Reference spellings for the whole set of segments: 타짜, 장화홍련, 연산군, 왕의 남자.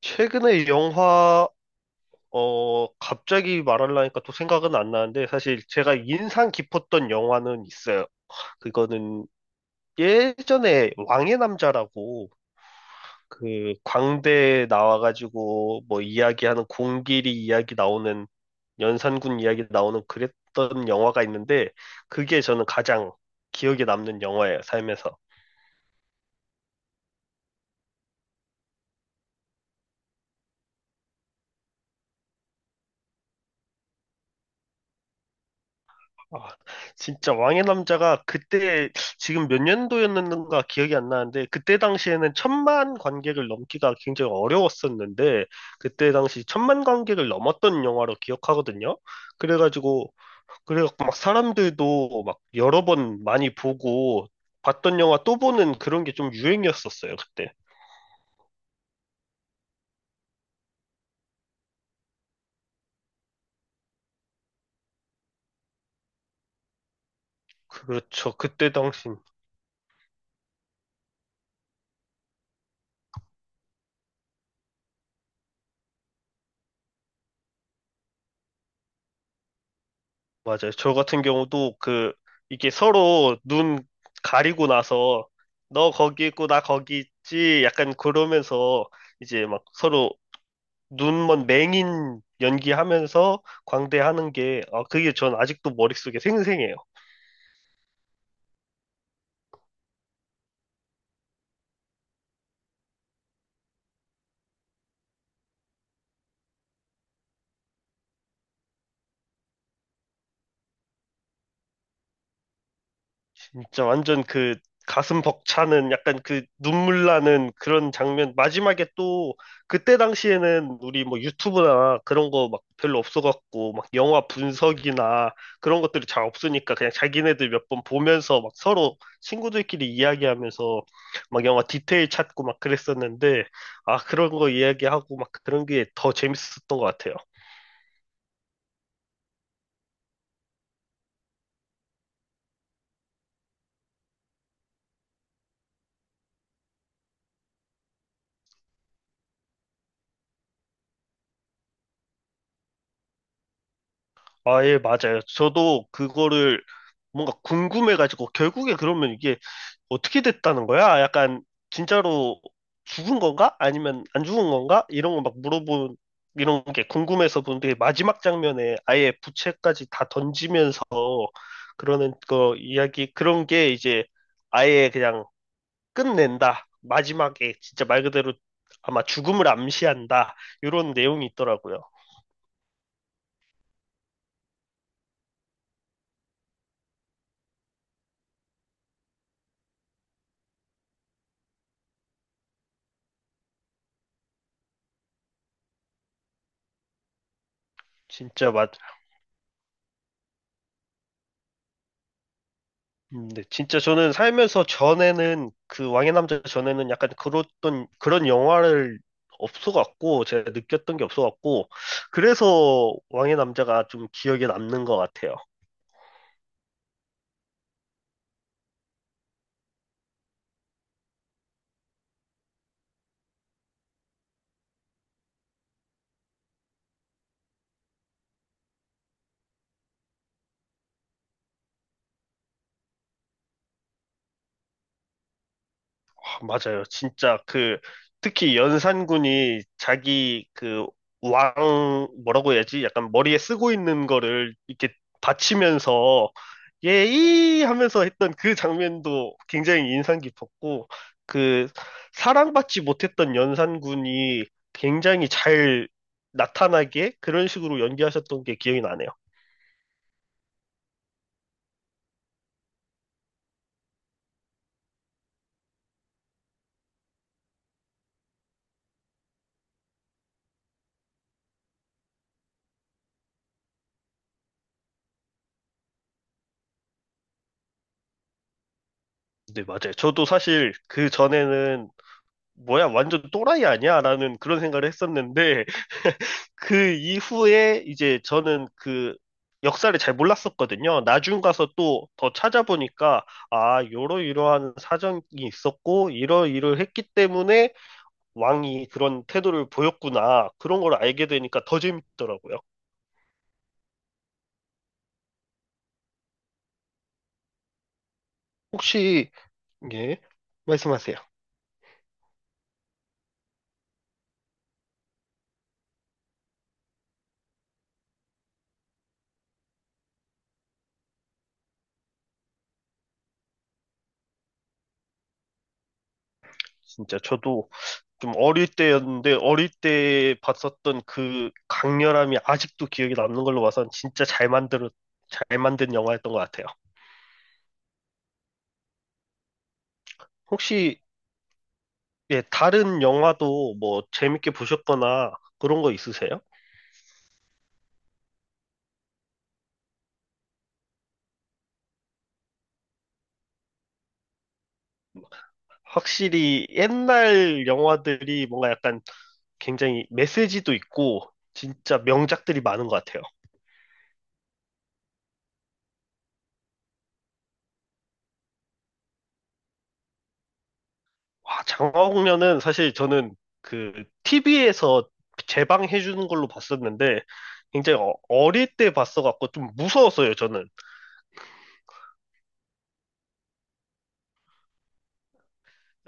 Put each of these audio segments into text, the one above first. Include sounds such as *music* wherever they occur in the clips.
최근에 영화, 갑자기 말하려니까 또 생각은 안 나는데, 사실 제가 인상 깊었던 영화는 있어요. 그거는 예전에 왕의 남자라고, 그, 광대에 나와가지고, 뭐, 이야기하는, 공길이 이야기 나오는, 연산군 이야기 나오는 그랬던 영화가 있는데, 그게 저는 가장 기억에 남는 영화예요, 삶에서. 아, 진짜 왕의 남자가 그때 지금 몇 년도였는가 기억이 안 나는데 그때 당시에는 천만 관객을 넘기가 굉장히 어려웠었는데 그때 당시 천만 관객을 넘었던 영화로 기억하거든요. 그래가지고 그래갖고 막 사람들도 막 여러 번 많이 보고 봤던 영화 또 보는 그런 게 좀 유행이었었어요, 그때. 그렇죠. 그때 당시 맞아요. 저 같은 경우도 그 이게 서로 눈 가리고 나서 너 거기 있고 나 거기 있지 약간 그러면서 이제 막 서로 눈먼 맹인 연기하면서 광대하는 게 아, 그게 전 아직도 머릿속에 생생해요. 진짜 완전 그 가슴 벅차는 약간 그 눈물 나는 그런 장면. 마지막에 또 그때 당시에는 우리 뭐 유튜브나 그런 거 막 별로 없어갖고 막 영화 분석이나 그런 것들이 잘 없으니까 그냥 자기네들 몇 번 보면서 막 서로 친구들끼리 이야기하면서 막 영화 디테일 찾고 막 그랬었는데 아, 그런 거 이야기하고 막 그런 게 더 재밌었던 것 같아요. 아, 예, 맞아요. 저도 그거를 뭔가 궁금해가지고, 결국에 그러면 이게 어떻게 됐다는 거야? 약간, 진짜로 죽은 건가? 아니면 안 죽은 건가? 이런 거 막 물어본, 이런 게 궁금해서 보는데, 마지막 장면에 아예 부채까지 다 던지면서 그러는 거 이야기, 그런 게 이제 아예 그냥 끝낸다. 마지막에 진짜 말 그대로 아마 죽음을 암시한다. 이런 내용이 있더라고요. 진짜 네, 진짜 저는 살면서 전에는 그 왕의 남자 전에는 약간 그랬던 그런 영화를 없어갖고 제가 느꼈던 게 없어갖고 그래서 왕의 남자가 좀 기억에 남는 것 같아요. 맞아요. 진짜 그 특히 연산군이 자기 그 왕 뭐라고 해야지? 약간 머리에 쓰고 있는 거를 이렇게 받치면서 예이 하면서 했던 그 장면도 굉장히 인상 깊었고 그 사랑받지 못했던 연산군이 굉장히 잘 나타나게 그런 식으로 연기하셨던 게 기억이 나네요. 네, 맞아요. 저도 사실 그 전에는 뭐야, 완전 또라이 아니야? 라는 그런 생각을 했었는데 그 이후에 이제 저는 그 역사를 잘 몰랐었거든요. 나중 가서 또 더 찾아보니까 아, 이러이러한 사정이 있었고 이러이러 했기 때문에 왕이 그런 태도를 보였구나. 그런 걸 알게 되니까 더 재밌더라고요. 혹시 예, 말씀하세요. 진짜 저도 좀 어릴 때였는데 어릴 때 봤었던 그 강렬함이 아직도 기억에 남는 걸로 봐선 진짜 잘 만든 영화였던 것 같아요. 혹시 예, 다른 영화도 뭐 재밌게 보셨거나 그런 거 있으세요? 확실히 옛날 영화들이 뭔가 약간 굉장히 메시지도 있고 진짜 명작들이 많은 것 같아요. 와, 장화홍련은 사실 저는 그 TV에서 재방해 주는 걸로 봤었는데 굉장히 어릴 때 봤어갖고 좀 무서웠어요, 저는.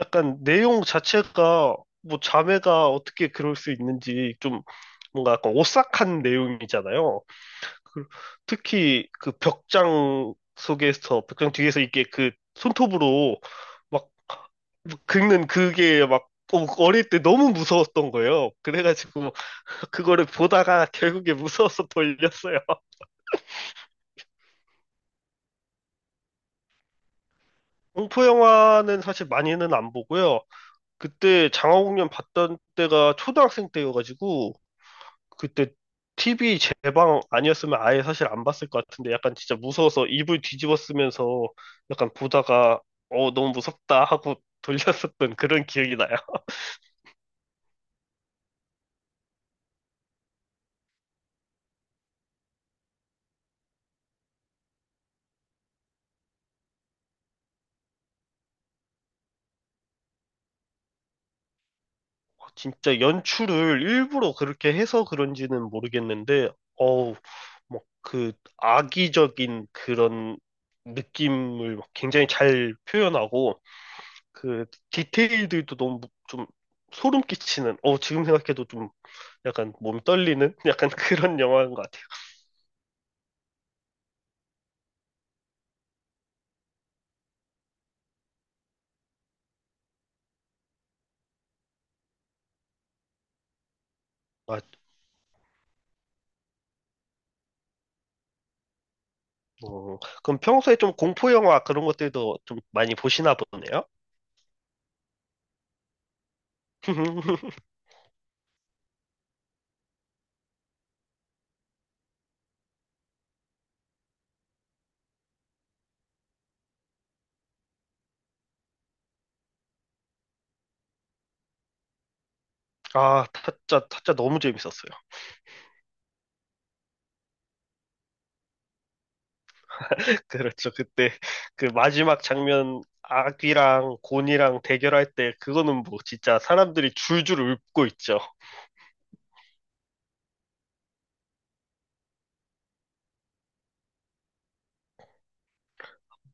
약간 내용 자체가 뭐 자매가 어떻게 그럴 수 있는지 좀 뭔가 약간 오싹한 내용이잖아요. 그- 특히 그 벽장 속에서 벽장 뒤에서 이게 그 손톱으로 막 긁는 그게 막 어릴 때 너무 무서웠던 거예요. 그래가지고 그거를 보다가 결국에 무서워서 돌렸어요. *laughs* 공포 영화는 사실 많이는 안 보고요. 그때 장화공연 봤던 때가 초등학생 때여가지고 그때 TV 제방 아니었으면 아예 사실 안 봤을 것 같은데 약간 진짜 무서워서 이불 뒤집어 쓰면서 약간 보다가 어 너무 무섭다 하고 *laughs* 돌렸었던 그런 기억이 나요. *laughs* 진짜 연출을 일부러 그렇게 해서 그런지는 모르겠는데 어우 막 그 악의적인 그런 느낌을 막 굉장히 잘 표현하고 그 디테일들도 너무 좀 소름 끼치는 어 지금 생각해도 좀 약간 몸이 떨리는 *laughs* 약간 그런 영화인 것. 아, 뭐, 그럼 평소에 좀 공포 영화 그런 것들도 좀 많이 보시나 보네요? *laughs* 아, 타짜, 타짜 너무 재밌었어요. *laughs* 그렇죠. 그때 그 마지막 장면 아귀랑 곤이랑 대결할 때 그거는 뭐 진짜 사람들이 줄줄 울고 있죠.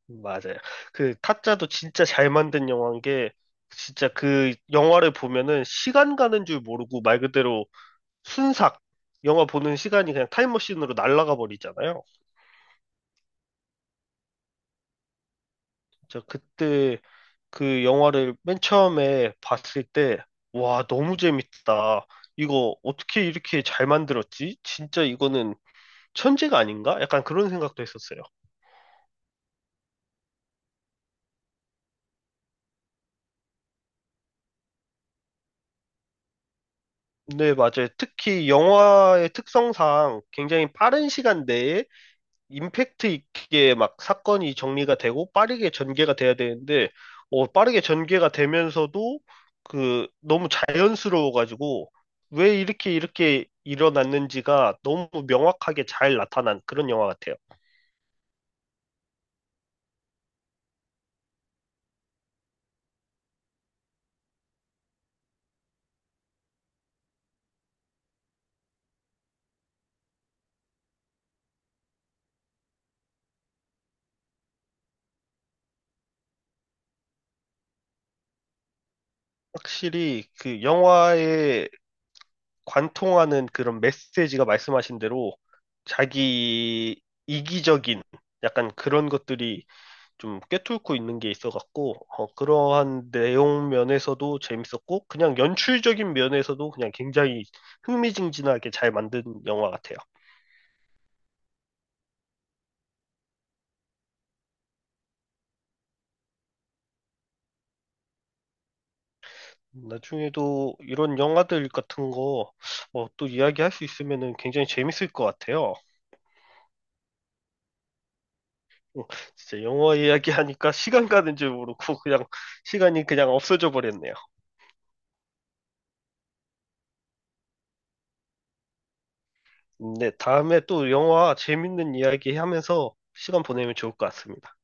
맞아요. 그 타짜도 진짜 잘 만든 영화인 게 진짜 그 영화를 보면은 시간 가는 줄 모르고 말 그대로 순삭 영화 보는 시간이 그냥 타임머신으로 날아가 버리잖아요. 저 그때 그 영화를 맨 처음에 봤을 때, 와, 너무 재밌다. 이거 어떻게 이렇게 잘 만들었지? 진짜 이거는 천재가 아닌가? 약간 그런 생각도 했었어요. 네, 맞아요. 특히 영화의 특성상 굉장히 빠른 시간 내에 임팩트 있게 막 사건이 정리가 되고 빠르게 전개가 돼야 되는데, 빠르게 전개가 되면서도 그 너무 자연스러워가지고 왜 이렇게 이렇게 일어났는지가 너무 명확하게 잘 나타난 그런 영화 같아요. 확실히 그 영화에 관통하는 그런 메시지가 말씀하신 대로 자기 이기적인 약간 그런 것들이 좀 꿰뚫고 있는 게 있어갖고 그러한 내용 면에서도 재밌었고 그냥 연출적인 면에서도 그냥 굉장히 흥미진진하게 잘 만든 영화 같아요. 나중에도 이런 영화들 같은 거 또 이야기할 수 있으면은 굉장히 재밌을 것 같아요. 어, 진짜 영화 이야기하니까 *laughs* 시간 가는 줄 모르고 그냥 시간이 그냥 없어져 버렸네요. 네, 다음에 또 영화 재밌는 이야기 하면서 시간 보내면 좋을 것 같습니다.